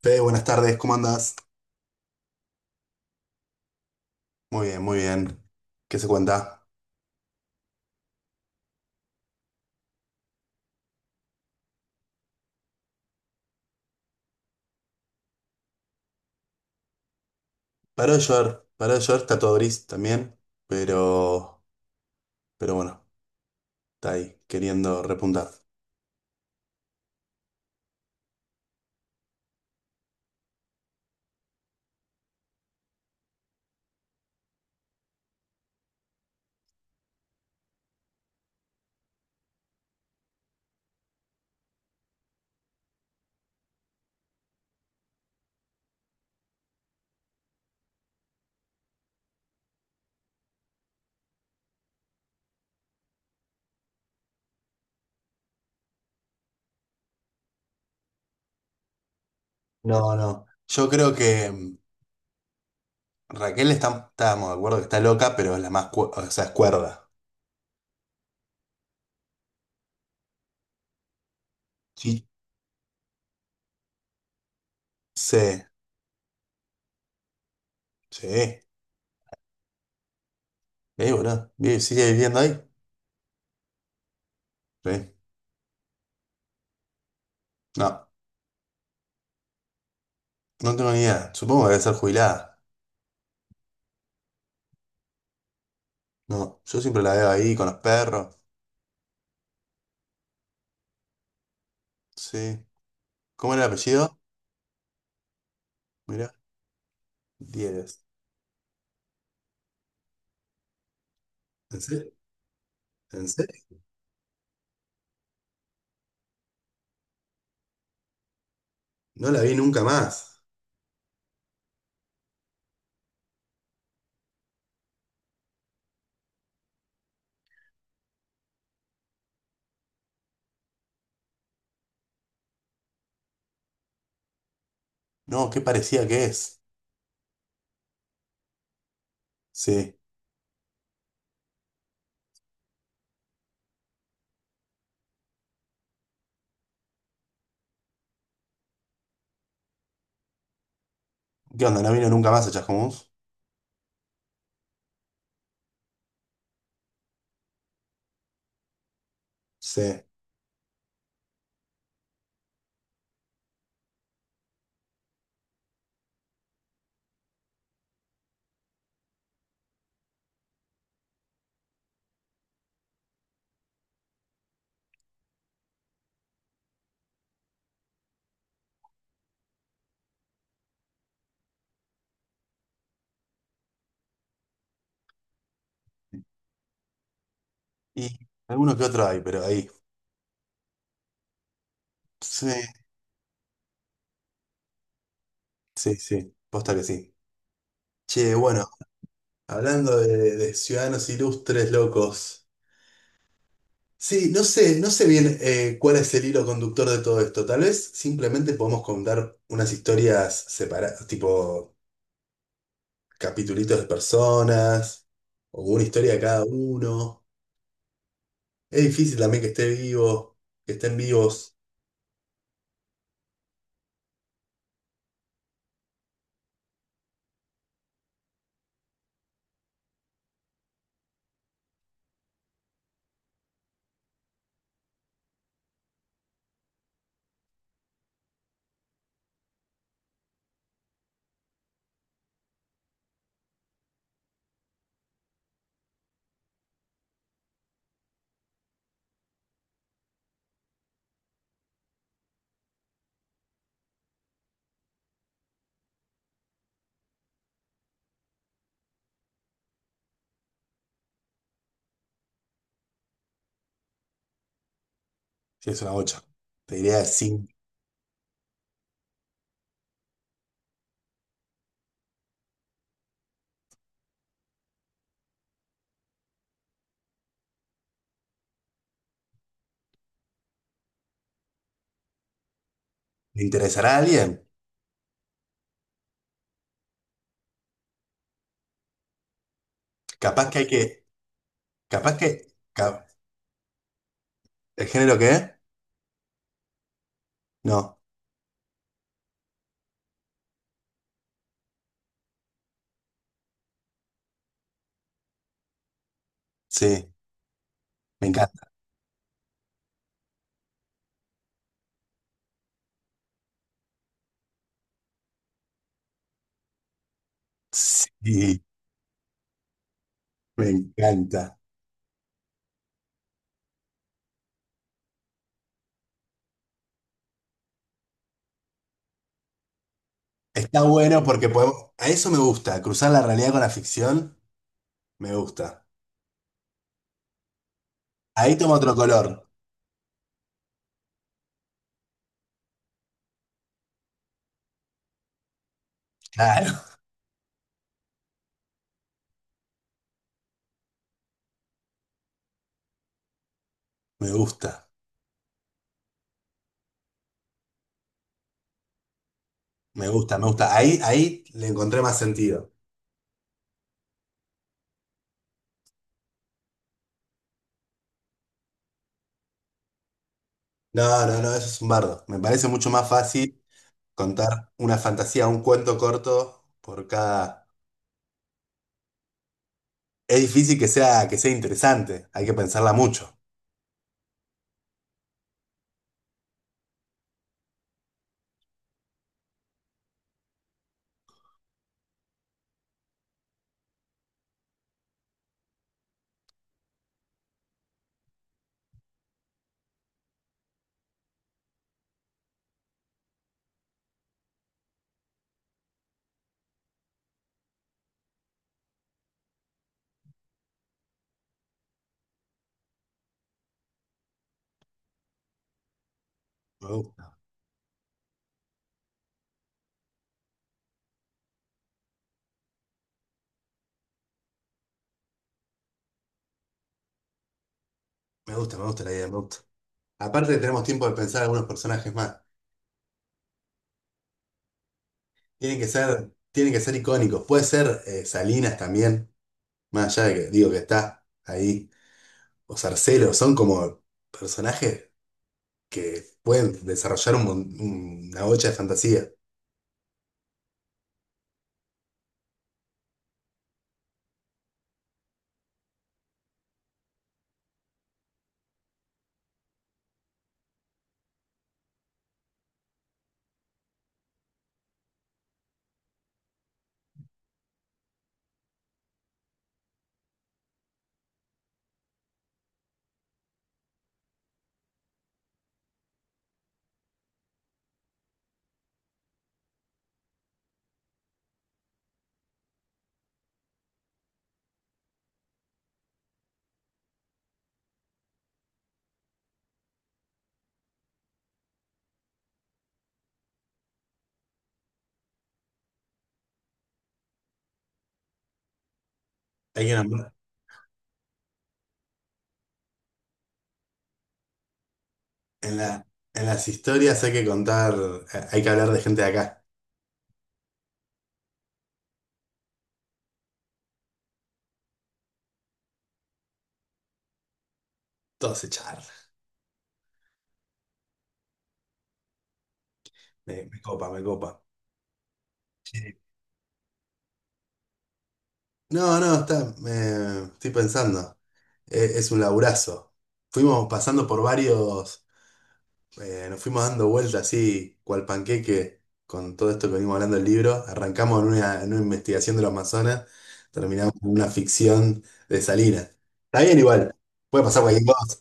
Fede, buenas tardes, ¿cómo andás? Muy bien, muy bien. ¿Qué se cuenta? Paró de llover, está todo gris también, pero, pero bueno, está ahí, queriendo repuntar. No, no. Yo creo que Raquel está, estábamos de acuerdo que está loca, pero es la más, o sea, es cuerda. Sí. Sí, sí. Boludo, ¿sigue viviendo ahí? Sí. No, no tengo ni idea. Supongo que debe ser jubilada. No, yo siempre la veo ahí con los perros. Sí. ¿Cómo era el apellido? Mirá, 10. ¿En serio? ¿En serio? No la vi nunca más. No, qué parecida que es. Sí. ¿Qué onda? ¿No vino nunca más a Chascomús? Sí. Y alguno que otro hay, pero ahí. Sí, sí, sí. Posta que sí. Che, bueno, hablando de ciudadanos ilustres locos. Sí, no sé, no sé bien cuál es el hilo conductor de todo esto. Tal vez simplemente podemos contar unas historias separadas, tipo capitulitos de personas, o una historia de cada uno. Es difícil también que esté vivo, que estén vivos, sí es una bocha. Te diría, si ¿le interesará a alguien? Capaz que hay que, capaz que, ¿el género qué es? No, sí, me encanta. Sí, me encanta. Está bueno porque podemos, a eso me gusta, cruzar la realidad con la ficción, me gusta. Ahí toma otro color, claro, me gusta, me gusta, me gusta. Ahí, ahí le encontré más sentido. No, no, no, eso es un bardo. Me parece mucho más fácil. Contar una fantasía, un cuento corto por cada... Es difícil que sea interesante, hay que pensarla mucho. Me gusta, me gusta, me gusta la idea, me gusta. Aparte tenemos tiempo de pensar algunos personajes más. Tienen que ser icónicos. Puede ser Salinas también, más allá de que digo que está ahí. O Sarcelo, son como personajes que pueden desarrollar un una bocha de fantasía. Hay que nombrar- En la, en las historias hay que contar, hay que hablar de gente de acá. Todos se charlan. Me copa, me copa. Sí. No, no, está, estoy pensando. Es un laburazo. Fuimos pasando por varios, nos fuimos dando vueltas así, cual panqueque, con todo esto que venimos hablando del libro. Arrancamos en una investigación de los Amazonas, terminamos en una ficción de Salinas. Está bien igual, puede pasar cualquier cosa.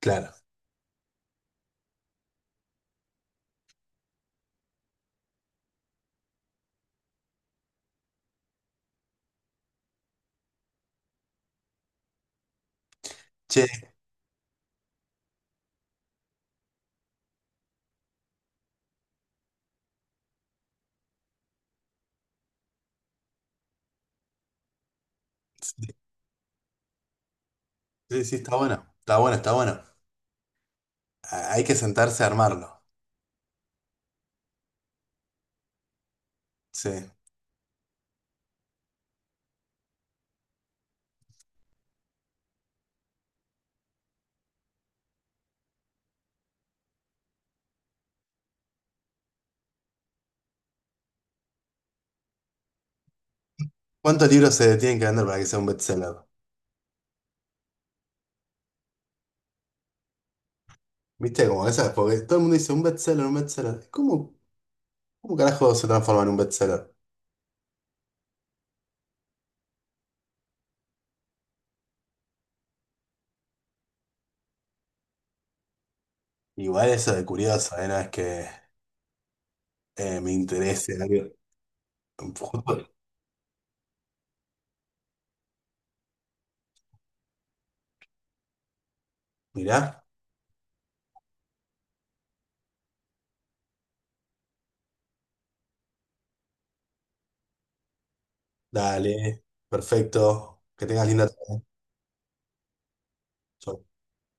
Claro. Che, sí, sí, está bueno, está bueno, está bueno. Ah, hay que sentarse a armarlo. Sí. ¿Cuántos libros se tienen que vender para que sea un bestseller? Viste, como esas, porque todo el mundo dice un bestseller, un bestseller. ¿Cómo, cómo carajo se transforma en un bestseller? Igual eso de curioso, ¿eh? No es que me interese algo. Justo, mirá, dale, perfecto, que tengas linda tarde. ¿Eh? Chau.